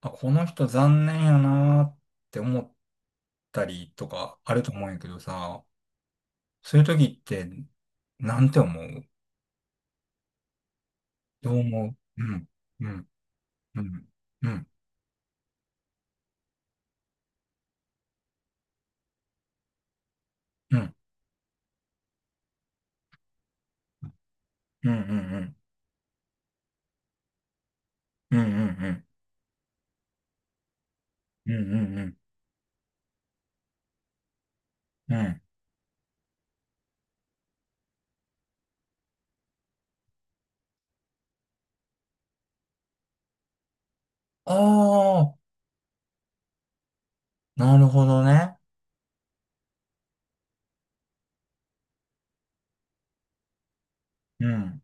あ、この人残念やなーって思ったりとかあると思うんやけどさ、そういう時って、なんて思うどう思ううん、うん、うん、うん、うん、うん、うん、うん、うん、うん、うん、うん、うん、うん。うんああ、なるほどね。うん、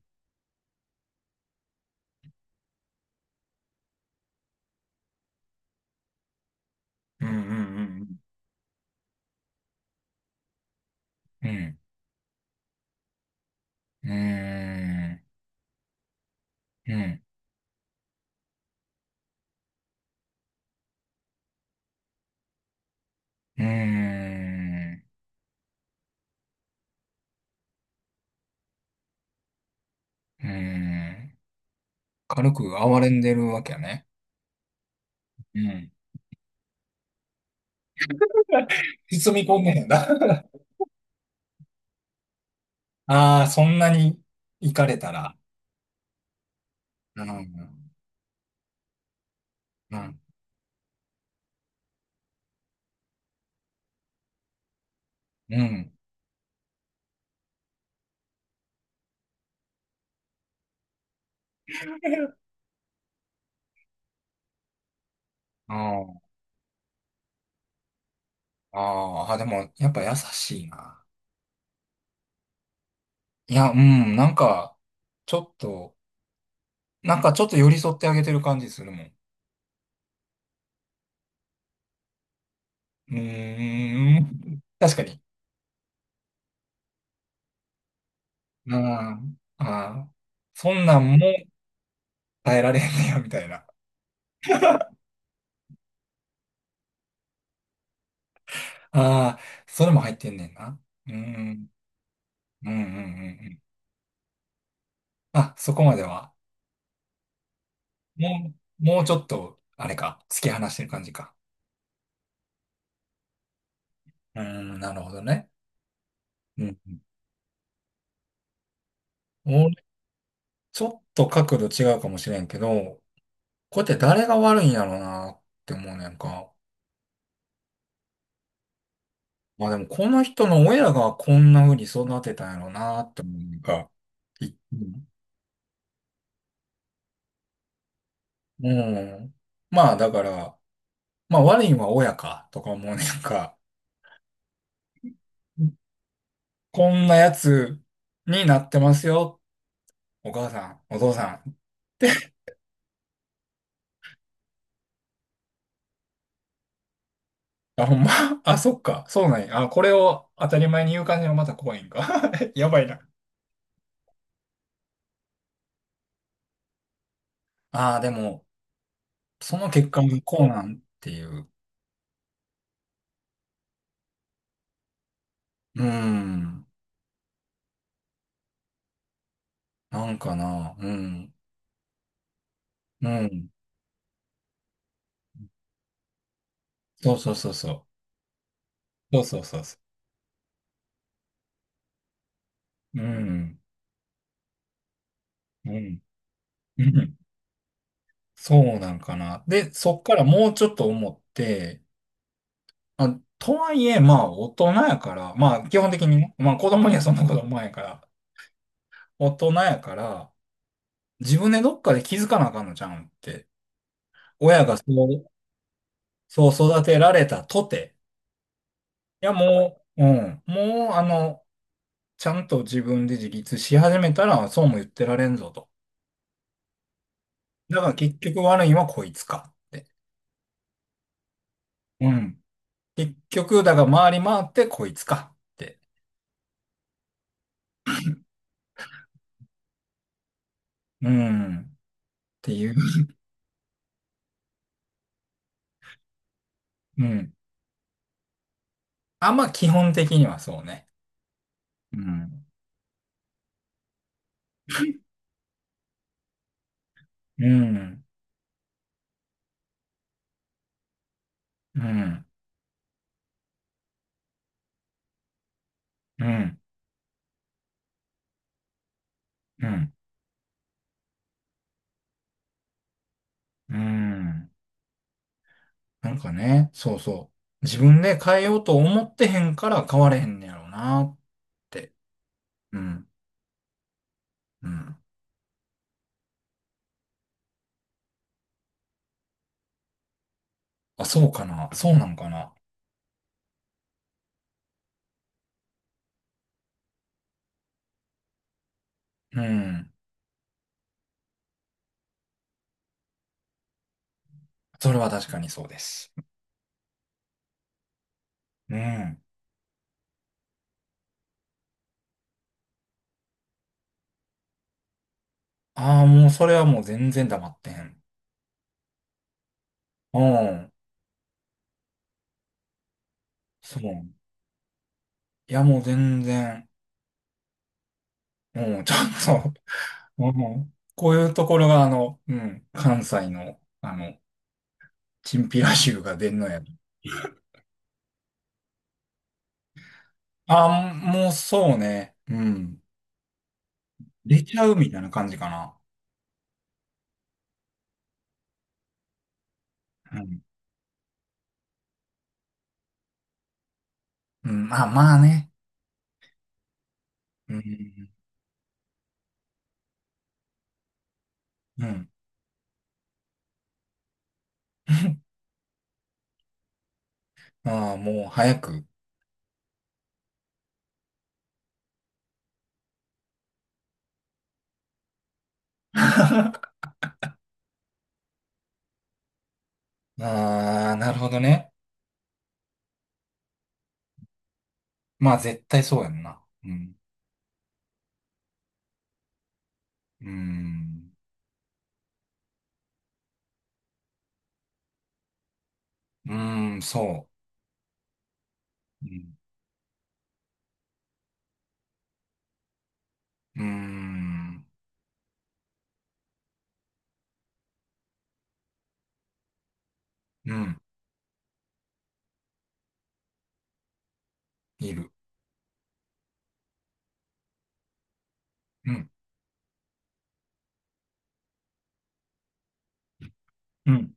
うん、うん、うん、うん、うん、うん、うん、うん、ん。軽く哀れんでるわけやね。うん。包み込んでへんな。ああ、そんなに行かれたら。うん、うん、うん。ああ、ああ、でも、やっぱ優しいな。いや、うん、なんか、ちょっと、なんかちょっと寄り添ってあげてる感じするもん。うーん、確かに。うん、ああ、そんなんも耐えられへんねや、みたいな。ああ、それも入ってんねんな。うーん、うん、うん、うん。うんあ、そこまでは。ももうちょっと、あれか、突き放してる感じか。うん、なるほどね。うん。俺、ちょっと角度違うかもしれんけど、これって誰が悪いんやろうなって思うねんか。まあでも、この人の親がこんな風に育てたんやろうなって思うねんか。いうん。まあだから、まあ悪いんは親かとか思うねんか。こんなやつになってますよ。お母さん、お父さん。あ、ほんま。あ、そっか。そうなんや。あ、これを当たり前に言う感じがまた怖いんか。やばいな。ああ、でも、その結果がこうなんっていう。うん。なんかな。うん。うん。そうそうそうそう。そうそうそうそう。うん。うん。うん。そうなんかな。で、そっからもうちょっと思って、あ、とはいえ、まあ、大人やから、まあ、基本的にね、まあ、子供にはそんなこと思わんやから、大人やから、自分でどっかで気づかなあかんのちゃうんって。親がそう、そう育てられたとて。いや、もう、うん。もう、あの、ちゃんと自分で自立し始めたら、そうも言ってられんぞと。だから結局悪いのはこいつかって。うん。結局、だから回り回ってこいつかって。うん。っていう。うん。あんま基本的にはそうね。うん。うん。うん。うん。うん。うん。なんかね、そうそう。自分で変えようと思ってへんから変われへんねやろうなって。うん。うん。あ、そうかな。そうなんかな。うん。それは確かにそうです。うん。ああ、もうそれはもう全然黙ってん。うん。そう。いや、もう全然。うん、ちょっと、うん。こういうところが、あの、うん、関西の、あの、チンピラ臭が出んのや。ああ、もうそうね。うん。出ちゃうみたいな感じかな。うん。うん、まあまあね。うん。うん。ああ、もう早く。ああ、なるほどね。まあ絶対そうやんな。うん。うん。うん、そう。うんうーん。うん。いる。うん。うん。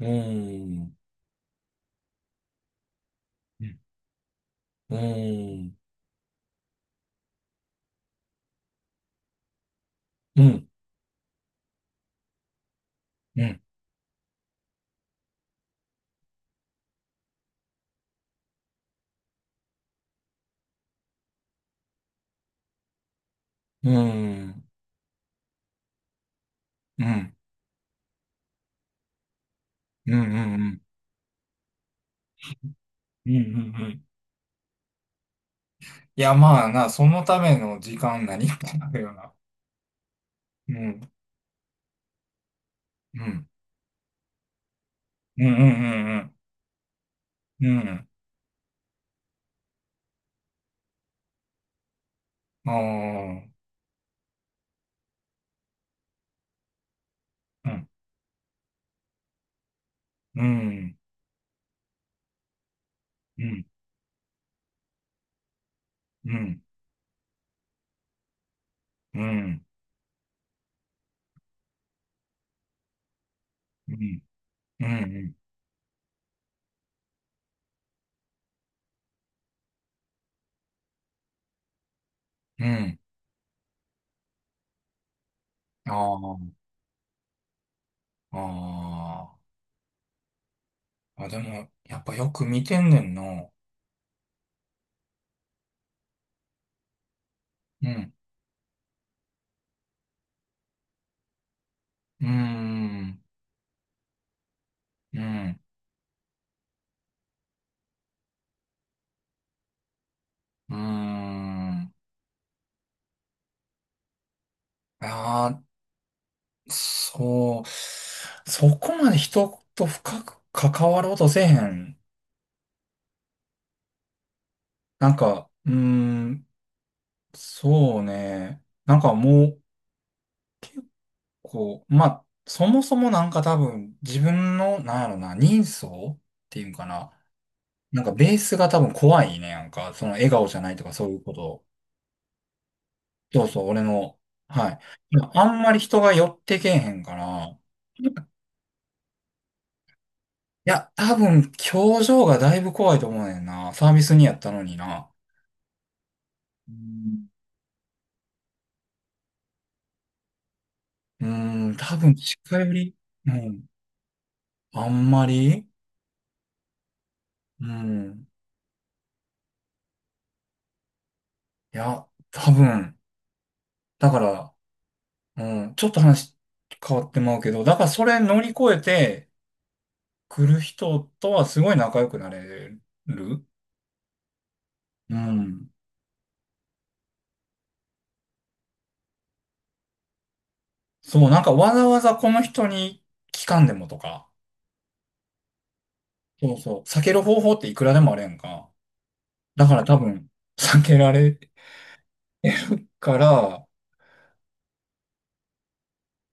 うーん。うん。うん。うん。うん。うん。うん。うん。うん。うん。うん。うんいや、まあな、そのための時間何かなるよな。うん。うん。うん。うん。うんうんうん。うん。ああ。うん。うん。うん。うん。うん。うん。うん。ああ。ああ。あ、でも、やっぱよく見てんねんな。うん。うーん。うん。うーん。ああ、そう。そこまで人と深く関わろうとせえへん。なんか、うーん、そうね。なんかもう結構、まあ、そもそもなんか多分自分の、なんやろな、人相っていうんかな。なんかベースが多分怖いねなんか。その笑顔じゃないとかそういうこと。そうそう、俺の。はい。まあんまり人が寄ってけえへんから。や、多分、表情がだいぶ怖いと思うねんな。サービスにやったのにな。うん。うん、多分、近寄り、うん、あんまり、うん、いや、多分、だから、うん、ちょっと話変わってまうけど、だからそれ乗り越えて来る人とはすごい仲良くなれる。うん。そう、なんかわざわざこの人に聞かんでもとか、そうそう、避ける方法っていくらでもあるやんか。だから多分、避けられから、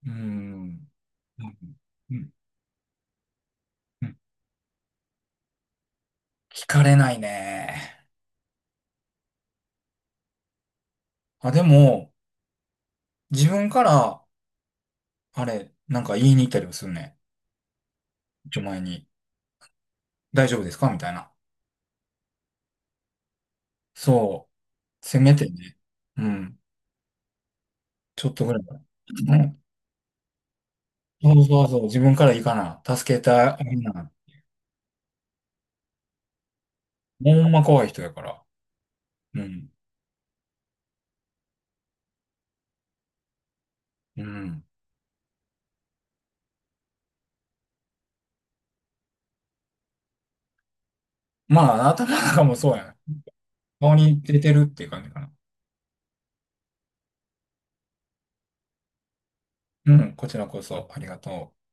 うん、うんうんうん聞かれないね。あ、でも、自分から、あれ、なんか言いに行ったりもするね。前に、大丈夫ですかみたいな。そう。せめてね。うん。ちょっとぐらいは。うん。そうそうそう。自分から行かな。助けたいな。ほんま怖い人やから。うん。うん。まあ、頭なんかもそうやね。顔に出てるっていう感じかな。うん。こちらこそ、ありがとう。